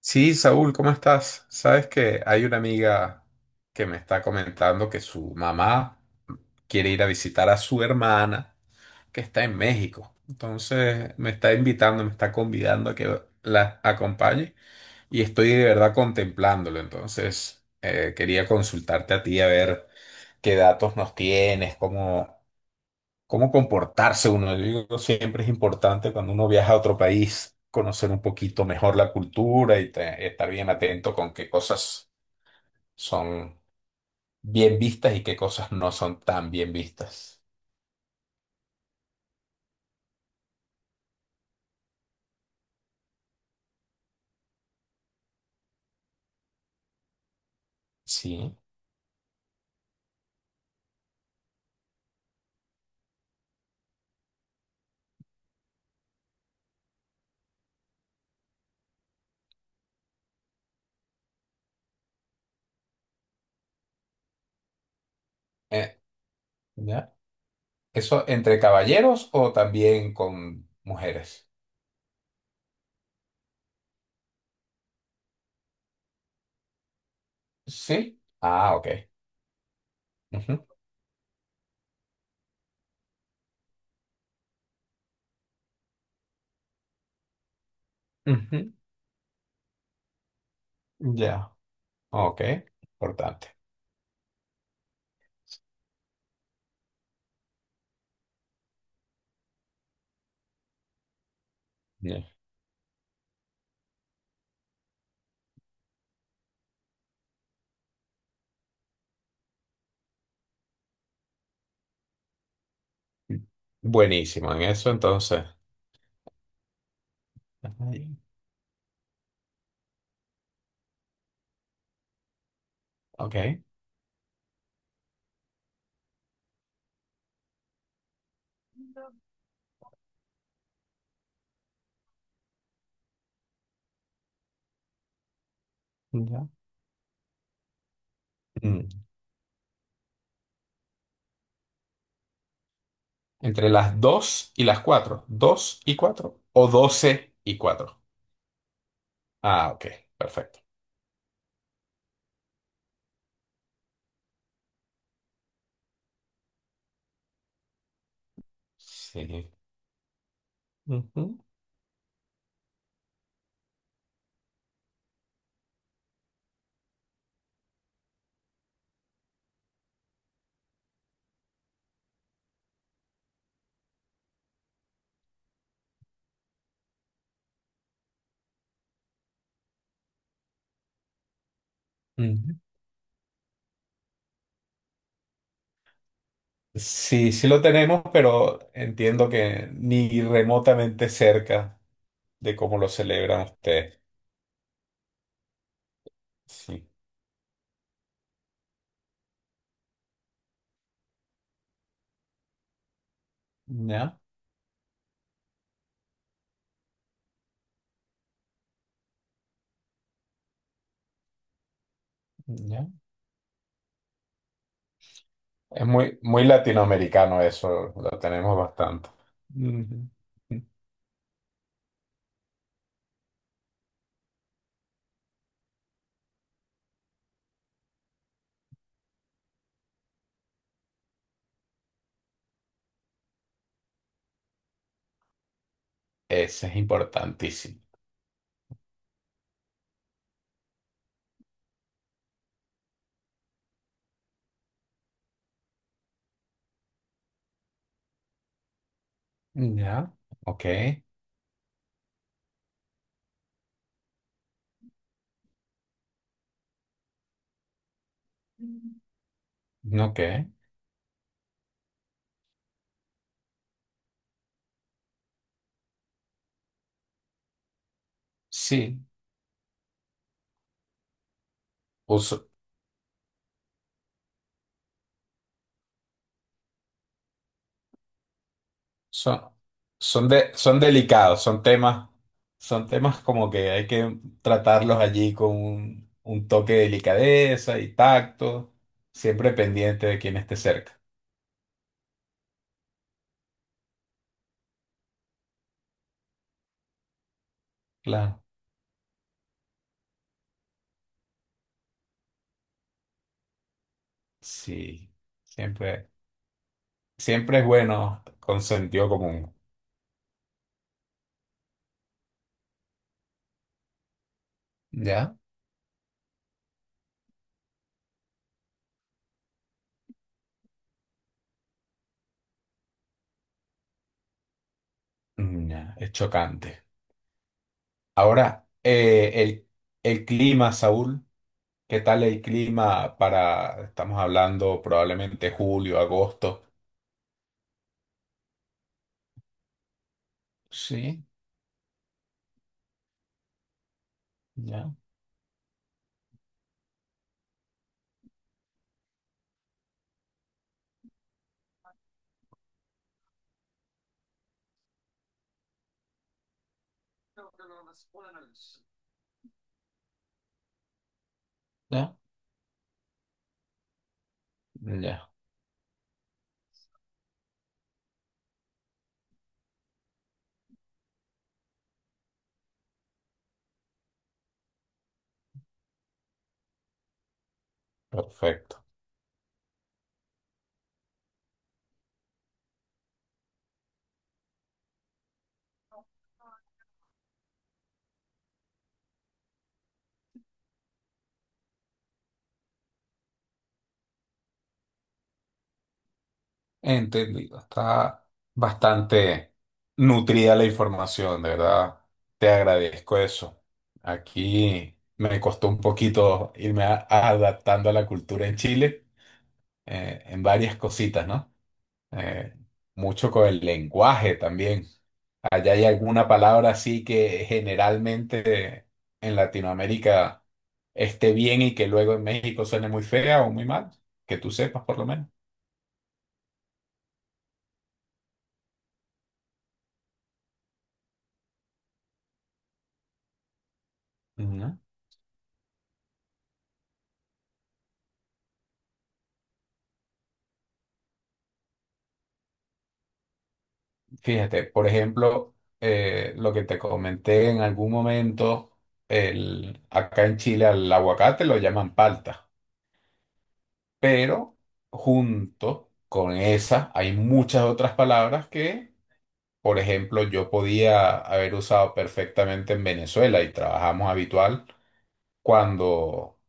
Sí, Saúl, ¿cómo estás? Sabes que hay una amiga que me está comentando que su mamá quiere ir a visitar a su hermana que está en México. Entonces me está invitando, me está convidando a que la acompañe y estoy de verdad contemplándolo. Entonces quería consultarte a ti a ver qué datos nos tienes, cómo comportarse uno. Yo digo, siempre es importante cuando uno viaja a otro país conocer un poquito mejor la cultura y estar bien atento con qué cosas son bien vistas y qué cosas no son tan bien vistas. Sí. Eh, ¿Ya? ¿Eso entre caballeros o también con mujeres? Sí. Ah, ok. Ujú, ujú. Ya. Ok. Importante. Ya. Buenísimo en eso, entonces. Ajá. Ok. Ya. Mm. Entre las 2 y las cuatro, ¿dos y 4 o 12 y cuatro? Ah, ok, perfecto. Sí. Ujú. Ujú. Sí, sí lo tenemos, pero entiendo que ni remotamente cerca de cómo lo celebran ustedes. Sí. Ya, ya. Es muy, muy latinoamericano eso, lo tenemos bastante. Ujú. Ese es importantísimo. Ya, ok. Ok, sí. Usu- Son, son delicados, son temas como que hay que tratarlos allí con un toque de delicadeza y tacto, siempre pendiente de quien esté cerca. Claro. Sí, siempre, siempre es bueno con sentido común. ¿Ya? Mm, ya, es chocante. Ahora, el clima, Saúl, ¿qué tal el clima para, estamos hablando probablemente julio, agosto? Sí, ya. Ya, ya, perfecto. Entendido. Está bastante nutrida la información, de verdad. Te agradezco eso. Aquí me costó un poquito adaptando a la cultura en Chile, en varias cositas, ¿no? Eh, mucho con el lenguaje también. Allá hay alguna palabra así que generalmente en Latinoamérica esté bien y que luego en México suene muy fea o muy mal, que tú sepas por lo menos. No. Fíjate, por ejemplo, lo que te comenté en algún momento, acá en Chile al aguacate lo llaman palta, pero junto con esa hay muchas otras palabras que, por ejemplo, yo podía haber usado perfectamente en Venezuela y trabajamos habitual cuando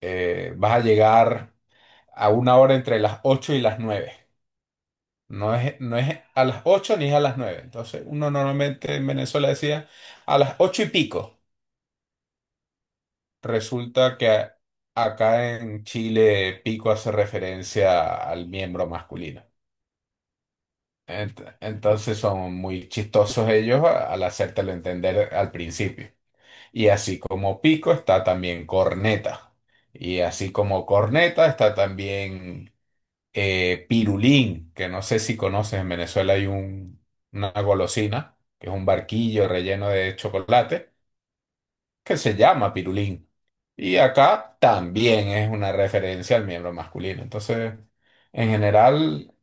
vas a llegar a una hora entre las 8 y las nueve. No es a las 8 ni es a las nueve. Entonces, uno normalmente en Venezuela decía a las 8 y pico. Resulta que acá en Chile pico hace referencia al miembro masculino. Entonces son muy chistosos ellos al hacértelo entender al principio. Y así como pico está también corneta. Y así como corneta está también pirulín, que no sé si conoces, en Venezuela hay una golosina, que es un barquillo relleno de chocolate, que se llama pirulín. Y acá también es una referencia al miembro masculino. Entonces, en general,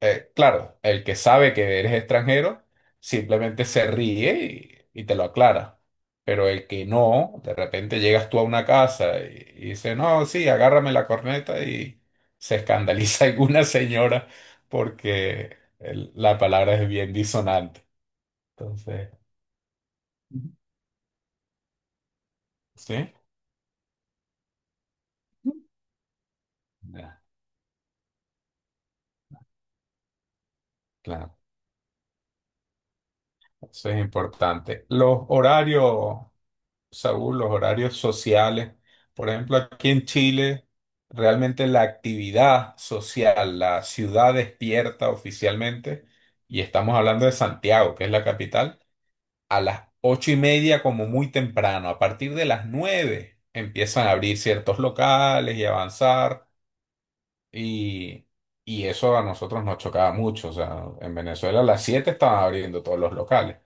claro, el que sabe que eres extranjero simplemente se ríe y te lo aclara. Pero el que no, de repente llegas tú a una casa y dice, no, sí, agárrame la corneta y se escandaliza alguna señora porque la palabra es bien disonante. Entonces. Ujú. ¿Sí? Ya, claro, eso es importante. Los horarios. Saúl, los horarios sociales. Por ejemplo, aquí en Chile, realmente la actividad social, la ciudad despierta oficialmente, y estamos hablando de Santiago, que es la capital, a las 8:30 como muy temprano. A partir de las nueve empiezan a abrir ciertos locales y avanzar, y, y eso a nosotros nos chocaba mucho. O sea, en Venezuela a las siete estaban abriendo todos los locales.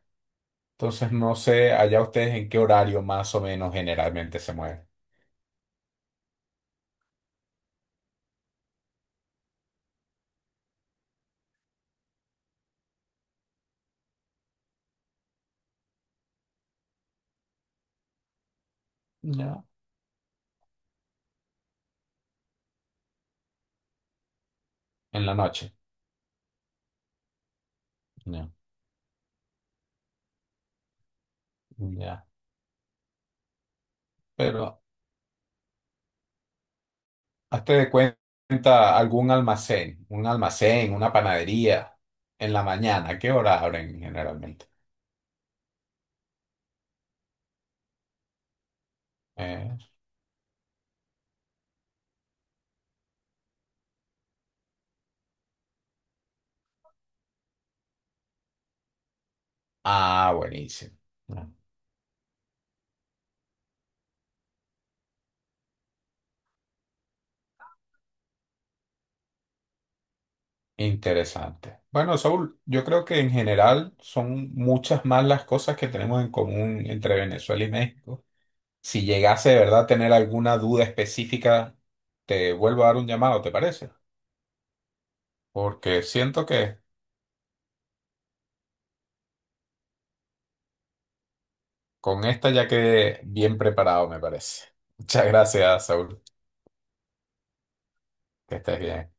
Entonces, no sé allá ustedes en qué horario más o menos generalmente se mueven. Ya. En la noche. Ya. Ya. Pero hazte de cuenta algún almacén, un almacén, una panadería en la mañana. ¿A ¿Qué hora abren generalmente? Eh, Ah, buenísimo. Ya. Interesante. Bueno, Saúl, yo creo que en general son muchas más las cosas que tenemos en común entre Venezuela y México. Si llegase de verdad a tener alguna duda específica, te vuelvo a dar un llamado, ¿te parece? Porque siento que con esta ya quedé bien preparado, me parece. Muchas gracias, Saúl. Que estés bien.